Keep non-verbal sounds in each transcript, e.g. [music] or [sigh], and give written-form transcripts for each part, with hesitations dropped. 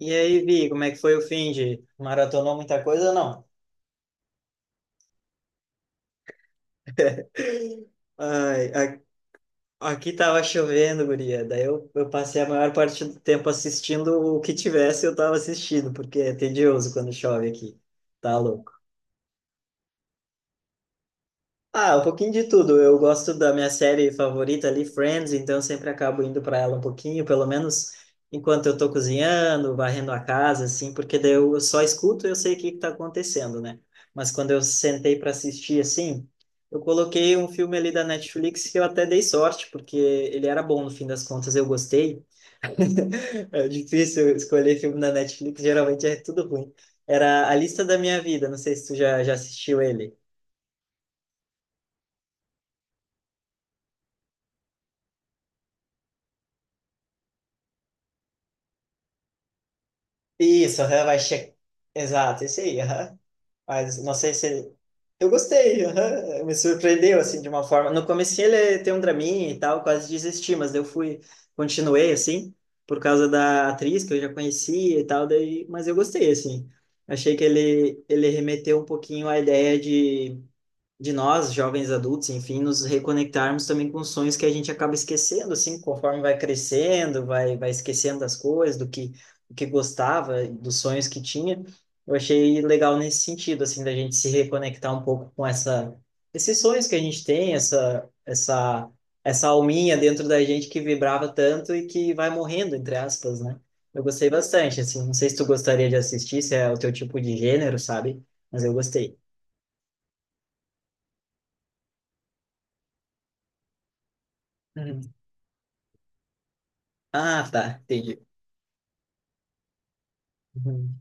E aí, Vi, como é que foi o fim de maratonou muita coisa ou não? Ai, a- aqui tava chovendo, guria. Daí eu passei a maior parte do tempo assistindo o que tivesse, eu tava assistindo, porque é tedioso quando chove aqui. Tá. Ah, um pouquinho de tudo. Eu gosto da minha série favorita ali, Friends, então eu sempre acabo indo para ela um pouquinho, pelo menos enquanto eu tô cozinhando, varrendo a casa, assim, porque daí eu só escuto e eu sei o que que tá acontecendo, né? Mas quando eu sentei para assistir, assim, eu coloquei um filme ali da Netflix que eu até dei sorte, porque ele era bom no fim das contas, eu gostei. É difícil escolher filme da Netflix, geralmente é tudo ruim. Era A Lista da Minha Vida, não sei se tu já, já assistiu ele. Isso, aham, vai checar. Exato, esse aí, aham. Mas não sei se. Eu gostei, aham. Me surpreendeu, assim, de uma forma. No comecinho ele tem um draminha e tal, quase desisti, mas daí eu fui, continuei, assim, por causa da atriz que eu já conhecia e tal, daí... mas eu gostei, assim. Achei que ele remeteu um pouquinho à ideia de nós, jovens adultos, enfim, nos reconectarmos também com sonhos que a gente acaba esquecendo, assim, conforme vai crescendo, vai, vai esquecendo das coisas, do que gostava, dos sonhos que tinha. Eu achei legal nesse sentido, assim, da gente se reconectar um pouco com essa, esses sonhos que a gente tem, essa alminha dentro da gente que vibrava tanto e que vai morrendo, entre aspas, né? Eu gostei bastante, assim, não sei se tu gostaria de assistir, se é o teu tipo de gênero, sabe? Mas eu gostei. Ah, tá. Entendi. Uhum.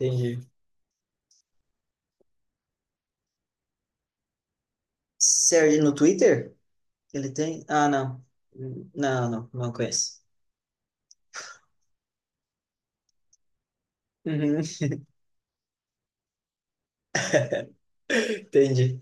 Entendi. Serve no Twitter? Ele tem? Ah, não. Não, não, não conheço. Uhum. [laughs] Entendi.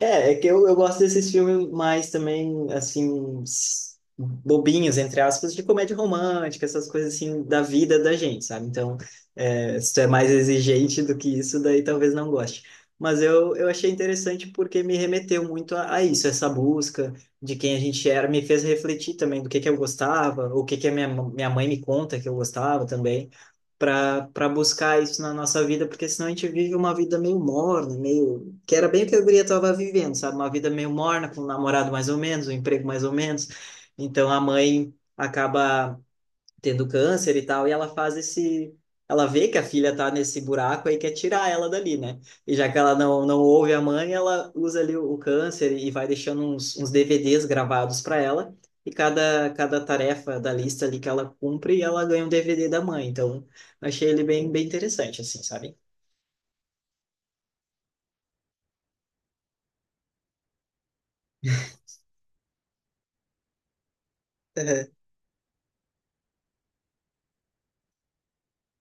É, é que eu gosto desses filmes mais também, assim, s- bobinhos, entre aspas, de comédia romântica, essas coisas assim da vida da gente, sabe? Então, é, se tu é mais exigente do que isso, daí talvez não goste. Mas eu achei interessante porque me remeteu muito a isso, essa busca de quem a gente era, me fez refletir também do que eu gostava, o que que a minha, minha mãe me conta que eu gostava também, para para buscar isso na nossa vida, porque senão a gente vive uma vida meio morna, meio que era bem o que a guria estava vivendo, sabe? Uma vida meio morna, com um namorado mais ou menos, um emprego mais ou menos. Então a mãe acaba tendo câncer e tal, e ela faz esse. Ela vê que a filha tá nesse buraco aí quer tirar ela dali, né? E já que ela não, não ouve a mãe, ela usa ali o câncer e vai deixando uns, uns DVDs gravados para ela. E cada, cada tarefa da lista ali que ela cumpre, ela ganha um DVD da mãe. Então, achei ele bem, bem interessante, assim, sabe?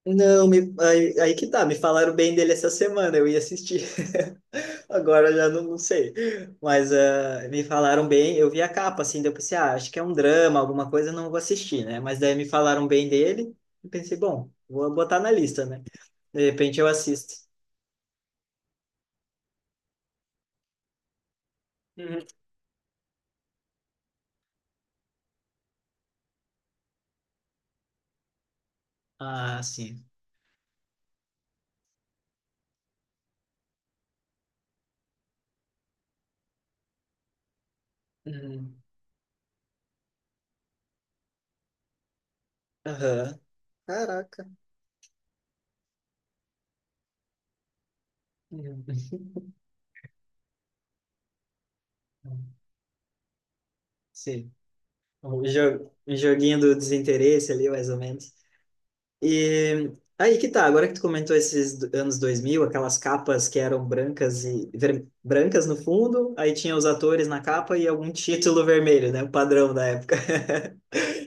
Não, me- aí, aí que tá, me falaram bem dele essa semana, eu ia assistir, [laughs] agora já não, não sei, mas ah, me falaram bem, eu vi a capa, assim, daí eu pensei, ah, acho que é um drama, alguma coisa, não vou assistir, né, mas daí me falaram bem dele, e pensei, bom, vou botar na lista, né, de repente eu assisto. Uhum. Ah, sim. Uhum. Aham. Caraca. Uhum. Sim, o jo- o joguinho do desinteresse ali, mais ou menos. E aí que tá, agora que tu comentou esses do- anos dois mil, aquelas capas que eram brancas e ver- brancas no fundo, aí tinha os atores na capa e algum [laughs] título vermelho, né? O padrão da época.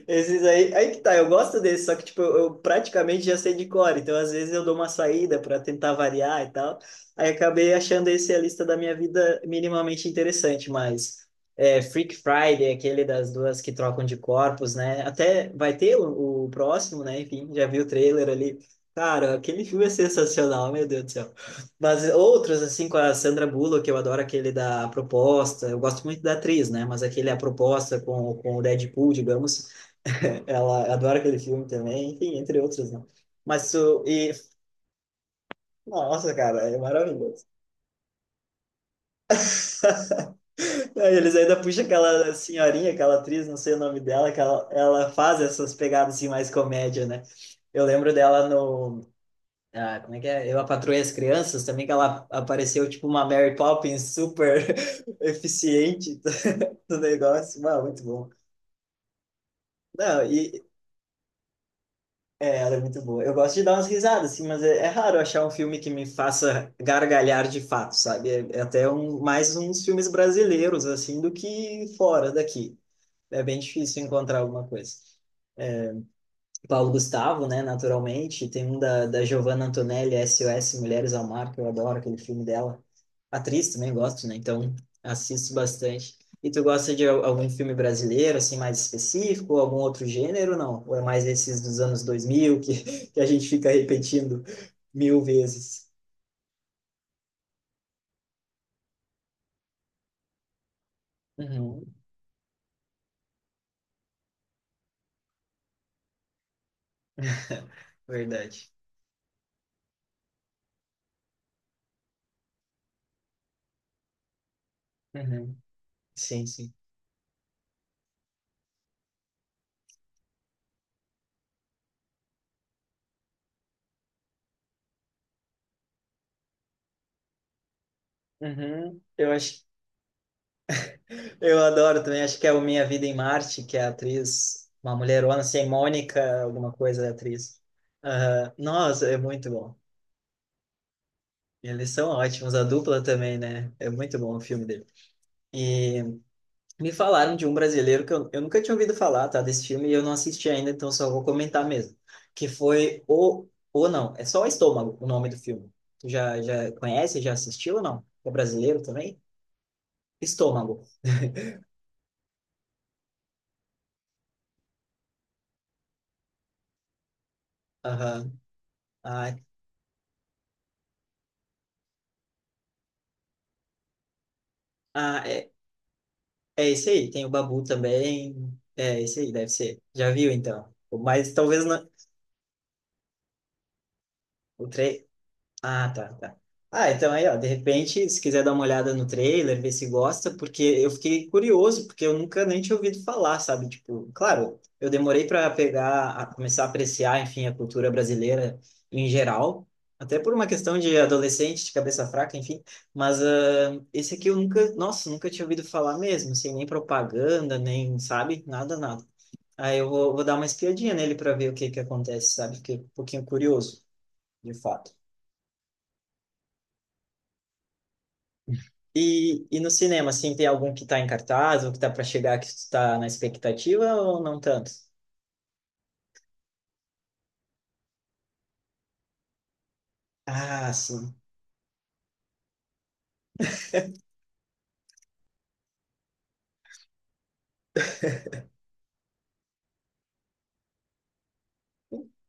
Esses aí, aí que tá, eu gosto desse só que tipo, eu praticamente já sei de cor, então às vezes eu dou uma saída para tentar variar e tal. Aí acabei achando esse a lista da minha vida minimamente interessante, mas é, Freak Friday, aquele das duas que trocam de corpos, né? Até vai ter o próximo, né? Enfim, já vi o trailer ali. Cara, aquele filme é sensacional, meu Deus do céu. Mas outros, assim, com a Sandra Bullock, eu adoro aquele da proposta. Eu gosto muito da atriz, né? Mas aquele é a proposta com o Deadpool, digamos. [laughs] Ela adora aquele filme também, enfim, entre outros, né? Mas tu. E, nossa, cara, é maravilhoso. Aí eles ainda puxam aquela senhorinha, aquela atriz, não sei o nome dela, que ela faz essas pegadas assim, mais comédia, né? Eu lembro dela no. Ah, como é que é? Eu, a Patroa e as Crianças, também que ela apareceu tipo uma Mary Poppins super [laughs] eficiente do do negócio. Mano, muito bom. Não, e, é, ela é muito boa. Eu gosto de dar umas risadas, assim, mas é, é raro achar um filme que me faça gargalhar de fato, sabe? É, é até um, mais uns filmes brasileiros, assim, do que fora daqui. É bem difícil encontrar alguma coisa. Paulo Gustavo, né, naturalmente. Tem um da, da Giovanna Antonelli, SOS Mulheres ao Mar, que eu adoro aquele filme dela. Atriz também gosto, né? Então assisto bastante. E tu gosta de al- algum filme brasileiro, assim, mais específico, ou algum outro gênero, não? Ou é mais esses dos anos 2000 que, [laughs] que a gente fica repetindo mil vezes? Uhum. [laughs] Verdade. Uhum. Sim, sim. Uhum. Eu acho, eu adoro também, acho que é o Minha Vida em Marte, que é a atriz, uma mulherona, assim, é Mônica, alguma coisa, é a atriz. Aham. Nossa, é muito bom. Eles são ótimos, a dupla também, né? É muito bom o filme dele. E me falaram de um brasileiro que eu nunca tinha ouvido falar, tá? Desse filme e eu não assisti ainda, então só vou comentar mesmo. Que foi o. Ou não, é só o Estômago o nome do filme. Tu já, já conhece, já assistiu ou não? É brasileiro também? Estômago. Aham. Ah, ah, é, é esse aí. Tem o Babu também. É esse aí, deve ser. Já viu então. Mas talvez não. O tre... Ah, tá, tá. Ah, então aí, ó, de repente, se quiser dar uma olhada no trailer, ver se gosta, porque eu fiquei curioso, porque eu nunca nem tinha ouvido falar, sabe? Tipo, claro, eu demorei para pegar, a começar a apreciar, enfim, a cultura brasileira em geral, até por uma questão de adolescente, de cabeça fraca, enfim, mas ah, esse aqui eu nunca, nossa, nunca tinha ouvido falar mesmo, sem nem propaganda, nem, sabe? Nada, nada. Aí eu vou, vou dar uma espiadinha nele para ver o que que acontece, sabe? Fiquei um pouquinho curioso, de fato. E no cinema, assim, tem algum que tá em cartaz ou que tá para chegar que tu tá na expectativa ou não tanto? Ah, sim.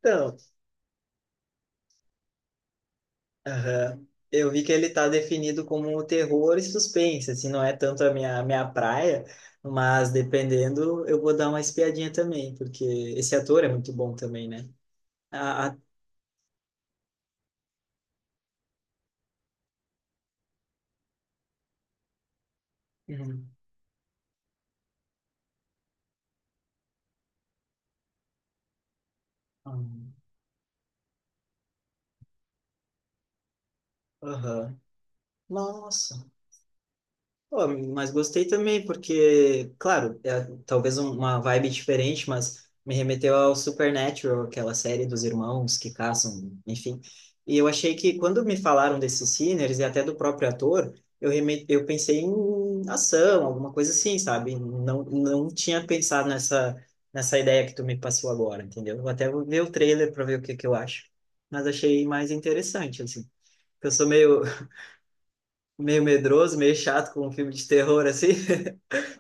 Então, aham. Eu vi que ele tá definido como um terror e suspense, assim, não é tanto a minha, minha praia, mas dependendo, eu vou dar uma espiadinha também, porque esse ator é muito bom também, né? A... Uhum. Aham. Nossa. Pô, mas gostei também, porque, claro, é talvez um- uma vibe diferente, mas me remeteu ao Supernatural, aquela série dos irmãos que caçam, enfim. E eu achei que quando me falaram desses Sinners e até do próprio ator, eu, reme eu pensei em ação, alguma coisa assim, sabe? Não, não tinha pensado nessa, nessa ideia que tu me passou agora, entendeu? Vou até vou ver o trailer para ver o que que eu acho. Mas achei mais interessante, assim. Eu sou meio, meio medroso, meio chato com um filme de terror, assim.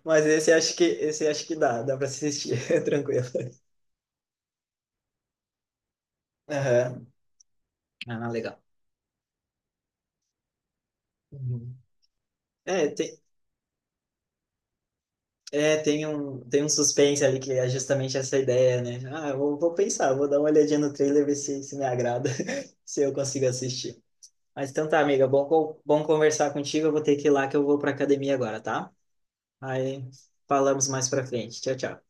Mas esse acho que dá, dá para assistir, [laughs] tranquilo. Aham. Ah, legal. Uhum. É, tem, é, tem um suspense ali que é justamente essa ideia, né? Ah, eu vou, vou pensar, vou dar uma olhadinha no trailer, ver se, se me agrada, [laughs] se eu consigo assistir. Mas então tá, amiga, bom, co- bom conversar contigo. Eu vou ter que ir lá que eu vou pra academia agora, tá? Aí falamos mais pra frente. Tchau, tchau.